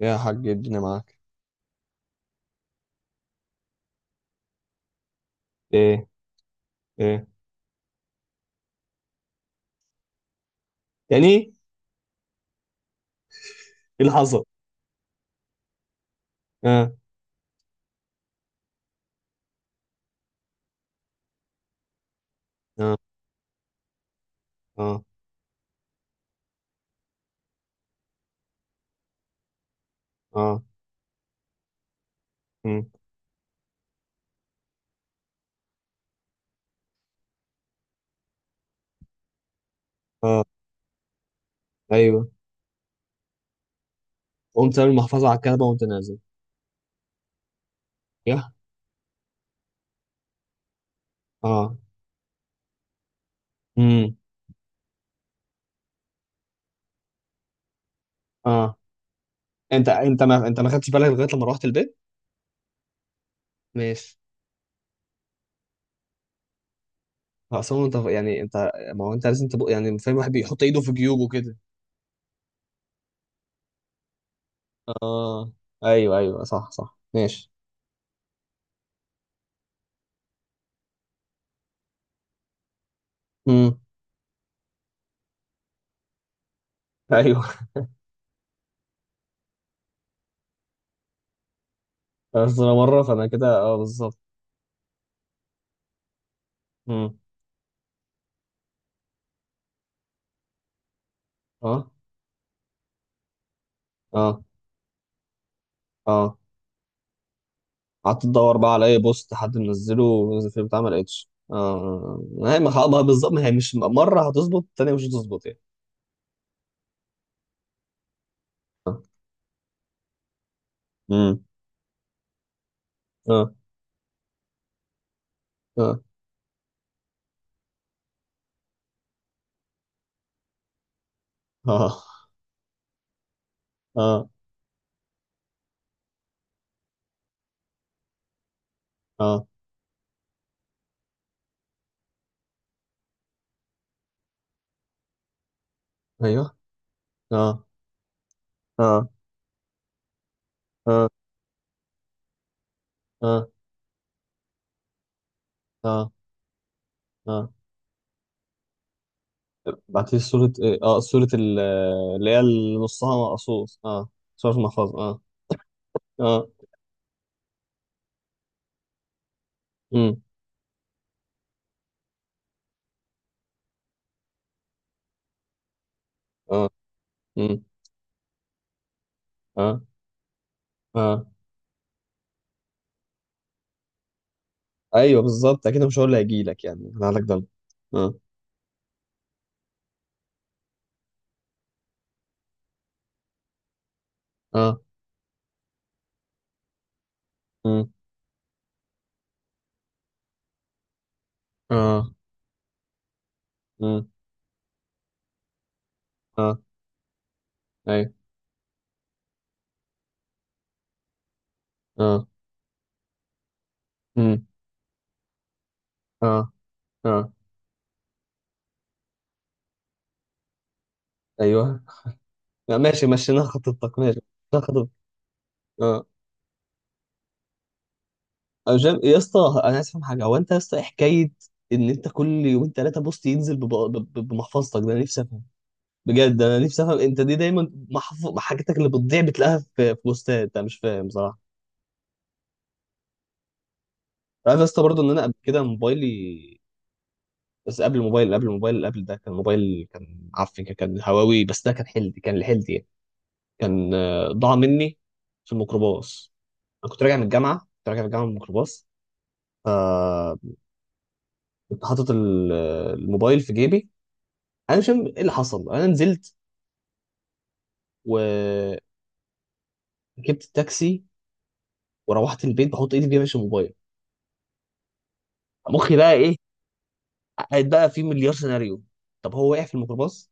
يا حاج الدنيا معاك. ايه. ايه. يعني إيه اللي حصل؟ اه. اه. اه. اه. أمم، اه. ايوه. قمت سايب المحفظه على الكنبه وقمت نازل. يا اه. امم. اه. انت، ما انت ما خدتش بالك لغايه لما روحت البيت؟ ماشي. اصلا انت يعني انت، ما هو انت لازم تبقى يعني فاهم. واحد بيحط ايده في جيوبه كده. اه. ايوه ايوه، صح صح، ماشي. امم. ايوه. بس انا مره، فانا كده اه بالظبط. امم. اه. اه. اه. قعدت ادور بقى على اي بوست حد منزله في البتاع، ما لقيتش. اه، ما هي ما خ- ما بالظبط ما هي مش مره هتظبط، التانيه مش هتظبط يعني. اه. امم. اه. اه. اه. اه. اه. ايوه. اه. اه. اه. اه. اه. اه. بعت لي صوره ايه؟ اه، صوره اللي هي اللي نصها مقصوص، اه. صوره في المحفظه، اه. اه. امم. اه. امم. اه. اه. ايوه بالظبط، اكيد مش هقول اللي هيجي لك يعني انا لك ده. اه. اه. امم. اه. امم. اه. ايوه. اه. امم. اه. اه. ايوه. لا، ماشي، مشينا خطتك. ماشي، مشينا خطتك. اه. أنا مش فاهم- يا اسطى انا عايز افهم حاجه، هو انت يا اسطى إيه حكايه ان انت كل يومين ثلاثه بوست ينزل بمحفظتك؟ ده انا نفسي افهم، بجد انا نفسي افهم. انت دي دايما حاجتك اللي بتضيع بتلاقيها في بوستات، انا مش فاهم صراحه. عارف يا اسطى برضه ان انا قبل كده موبايلي، بس قبل الموبايل، قبل الموبايل اللي قبل ده، كان موبايل كان عفن، كان هواوي. بس ده كان حلدي، كان لحلدي يعني. كان ضاع مني في الميكروباص. انا كنت راجع من الجامعه، كنت راجع من الجامعه من الميكروباص. فكنت حاطط الموبايل في جيبي. انا مش فاهم ايه اللي حصل. انا نزلت وركبت التاكسي وروحت البيت، بحط ايدي في جيبي عشان الموبايل. مخي بقى ايه، قاعد بقى في مليار سيناريو. طب هو وقع في الميكروباص،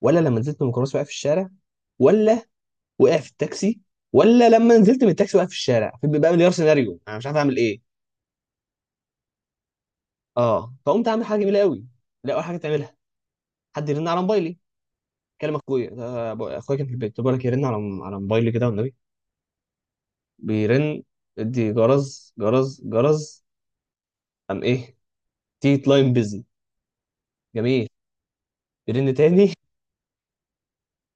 ولا لما نزلت من الميكروباص وقع في الشارع، ولا وقع في التاكسي، ولا لما نزلت من التاكسي وقع في الشارع؟ في بقى مليار سيناريو، انا مش عارف اعمل ايه. اه. فقمت اعمل حاجه جميله قوي. لا، اول حاجه تعملها، حد يرن على موبايلي. كلم اخويا، ده اخويا كان في البيت، بقول لك يرن على على موبايلي كده والنبي. بيرن، ادي جرز جرز جرز. قام ايه؟ تيت لاين بيزي. جميل. بيرن تاني.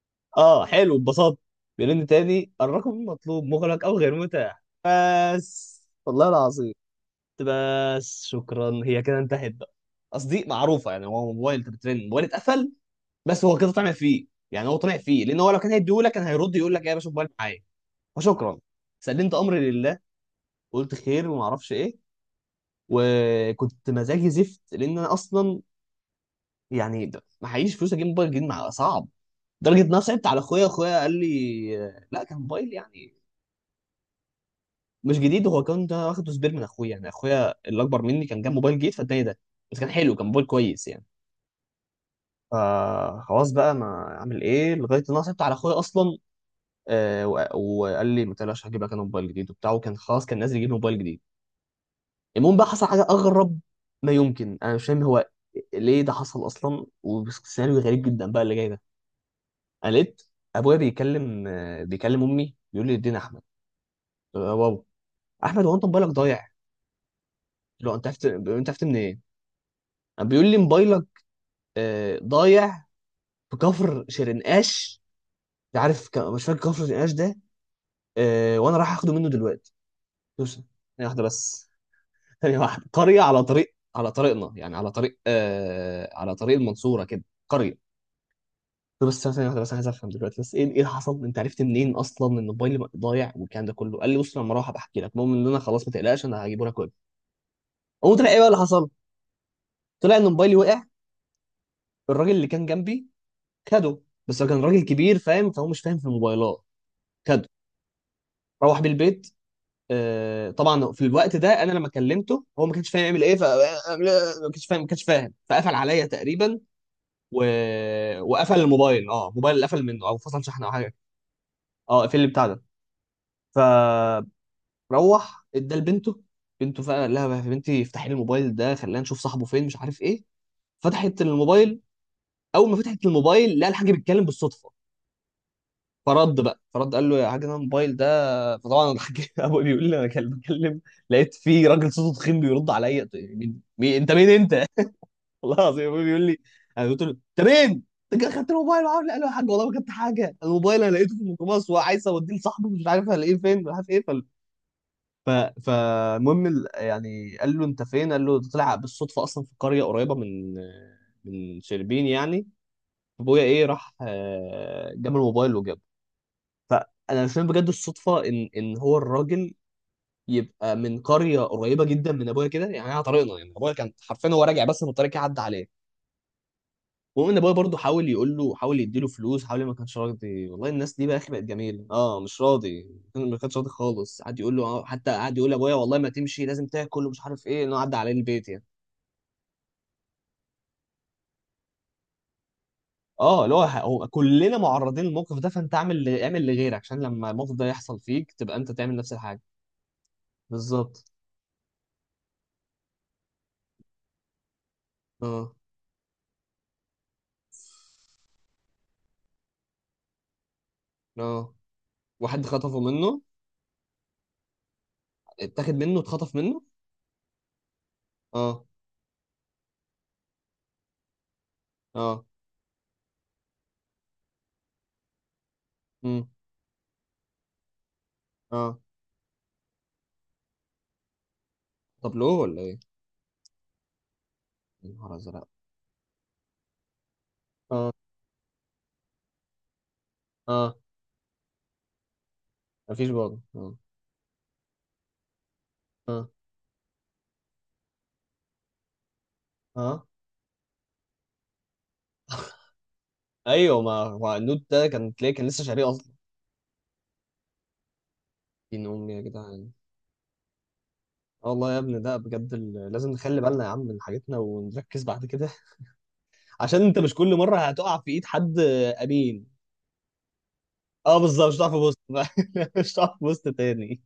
اه حلو، اتبسطت. بيرن تاني، الرقم المطلوب مغلق او غير متاح، بس والله العظيم. قلت بس شكرا، هي كده انتهت بقى. قصدي معروفه يعني، هو موبايل انت بترن موبايل اتقفل. بس هو كده طمع فيه يعني، هو طمع فيه، لان هو لو كان هيديهولك كان هيرد يقول لك يا باشا موبايل معايا. فشكرا، سلمت امري لله، قلت خير وما اعرفش ايه. وكنت مزاجي زفت، لان انا اصلا يعني معيش فلوس اجيب موبايل جديد، مع صعب. لدرجه ان انا صعبت على اخويا، اخويا قال لي، لا كان موبايل يعني مش جديد، هو كان ده واخده سبير من اخويا، يعني اخويا اللي اكبر مني كان جاب موبايل جديد فاداني ده. بس كان حلو، كان موبايل كويس يعني. فخلاص بقى، ما اعمل ايه؟ لغايه ان انا صعبت على اخويا اصلا. آه، و- وقال لي ما تقلقش، هجيب لك انا موبايل جديد وبتاع، وكان خلاص كان نازل يجيب موبايل جديد. المهم بقى، حصل حاجه اغرب، ما يمكن انا مش فاهم هو ليه ده حصل اصلا. وسيناريو غريب جدا بقى اللي جاي ده. انا لقيت ابويا بيكلم، بيكلم امي، بيقول لي ادينا احمد. واو، احمد هو انت موبايلك ضايع؟ لو انت عرفت، انت عرفت منين؟ قام بيقول لي موبايلك ضايع في كفر شرنقاش. مش عارف مش فاكر كفر شرنقاش ده. وانا رايح اخده منه دلوقتي. بص، ثانيه واحده بس. ثانيه واحده، قريه على طريق، على طريقنا يعني، على طريق على طريق المنصوره كده، قريه. طب بس ثانية واحدة بس، عايز أفهم دلوقتي بس إيه اللي حصل؟ أنت عرفت منين أصلا إن موبايلي ضايع والكلام ده كله؟ قال لي بص لما أروح بحكي لك، المهم إن أنا خلاص ما تقلقش، أنا هجيبه لك كله. قوم طلع إيه بقى اللي حصل؟ طلع إن موبايلي وقع، الراجل اللي كان جنبي خده. بس هو كان راجل كبير فاهم، فهو مش فاهم في الموبايلات. خده روح بيه البيت. آه طبعا في الوقت ده انا لما كلمته هو ما كانش فاهم يعمل ايه، ما كانش فاهم، ما كانش فاهم فقفل عليا تقريبا. و... وقفل الموبايل، اه، موبايل قفل منه او فصل شحن او حاجه. اه قفل لي بتاع ده. ف روح ادى لبنته. بنته فعلا، قال لها يا بنتي افتحي لي الموبايل ده خلينا نشوف صاحبه فين مش عارف ايه. فتحت الموبايل، اول ما فتحت الموبايل لقى الحاج بيتكلم بالصدفه. فرد بقى قال له يا حاج انا الموبايل ده، فطبعا الحاج ابوي بيقول لي انا كان بتكلم. لقيت في راجل صوته تخين بيرد عليا، قلت له، مين انت؟ مين انت؟ والله العظيم ابوي بيقول لي، انا قلت له انت مين؟ انت كده خدت الموبايل معاه؟ قال له يا حاج والله ما كنت حاجه الموبايل، انا لقيته في الميكروباص وعايز اوديه لصاحبه، مش عارف هلاقيه فين مش عارف ايه. ف... فالمهم يعني قال له انت فين؟ قال له ده طلع بالصدفه اصلا في قريه قريبه من من شربين يعني. ابويا ايه راح جاب الموبايل وجابه. فانا مش فاهم بجد الصدفه، ان هو الراجل يبقى من قريه قريبه جدا من ابويا كده، يعني على طريقنا يعني. ابويا كان حرفيا هو راجع بس، من الطريق عدى عليه. المهم ان ابويا برضه حاول يقول له، حاول يديله فلوس، حاول ما كانش راضي. والله الناس دي بقى اخي بقت جميله، اه مش راضي. ما كانش راضي خالص، قعد يقول له حتى قعد يقول لابويا والله ما تمشي لازم تاكل ومش عارف ايه، انه عدى عليه البيت يعني. اه، اللي هو هو كلنا معرضين للموقف ده، فانت اعمل اعمل لغيرك عشان لما الموقف ده يحصل فيك تبقى انت تعمل نفس الحاجه. بالظبط. اه. اه. واحد خطفه منه. اتاخد منه، اتخطف منه. اه. اه. امم. اه. طب لو ولا ايه؟ يا نهار ازرق. اه. اه. مفيش برضه اه. آه. اه. ايوه، ما هو النوت ده كان تلاقيه كان لسه شاريه اصلا. دين امي يا جدعان. آه والله يا ابني ده بجد لازم نخلي بالنا يا عم من حاجتنا ونركز بعد كده، عشان انت مش كل مره هتقع في ايد حد. امين. اه بالظبط، مش هتقع في بوست. مش هتقع في بوست تاني.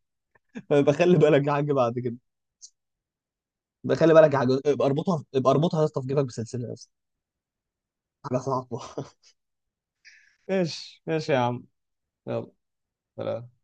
بخلي بالك يا حاج بعد كده، بخلي بالك يا حاج، ابقى اربطها، ابقى اربطها يا اسطى في جيبك بسلسله يا اسطى. حاجه صعبه. ماشي ماشي يا عم. يلا، سلام.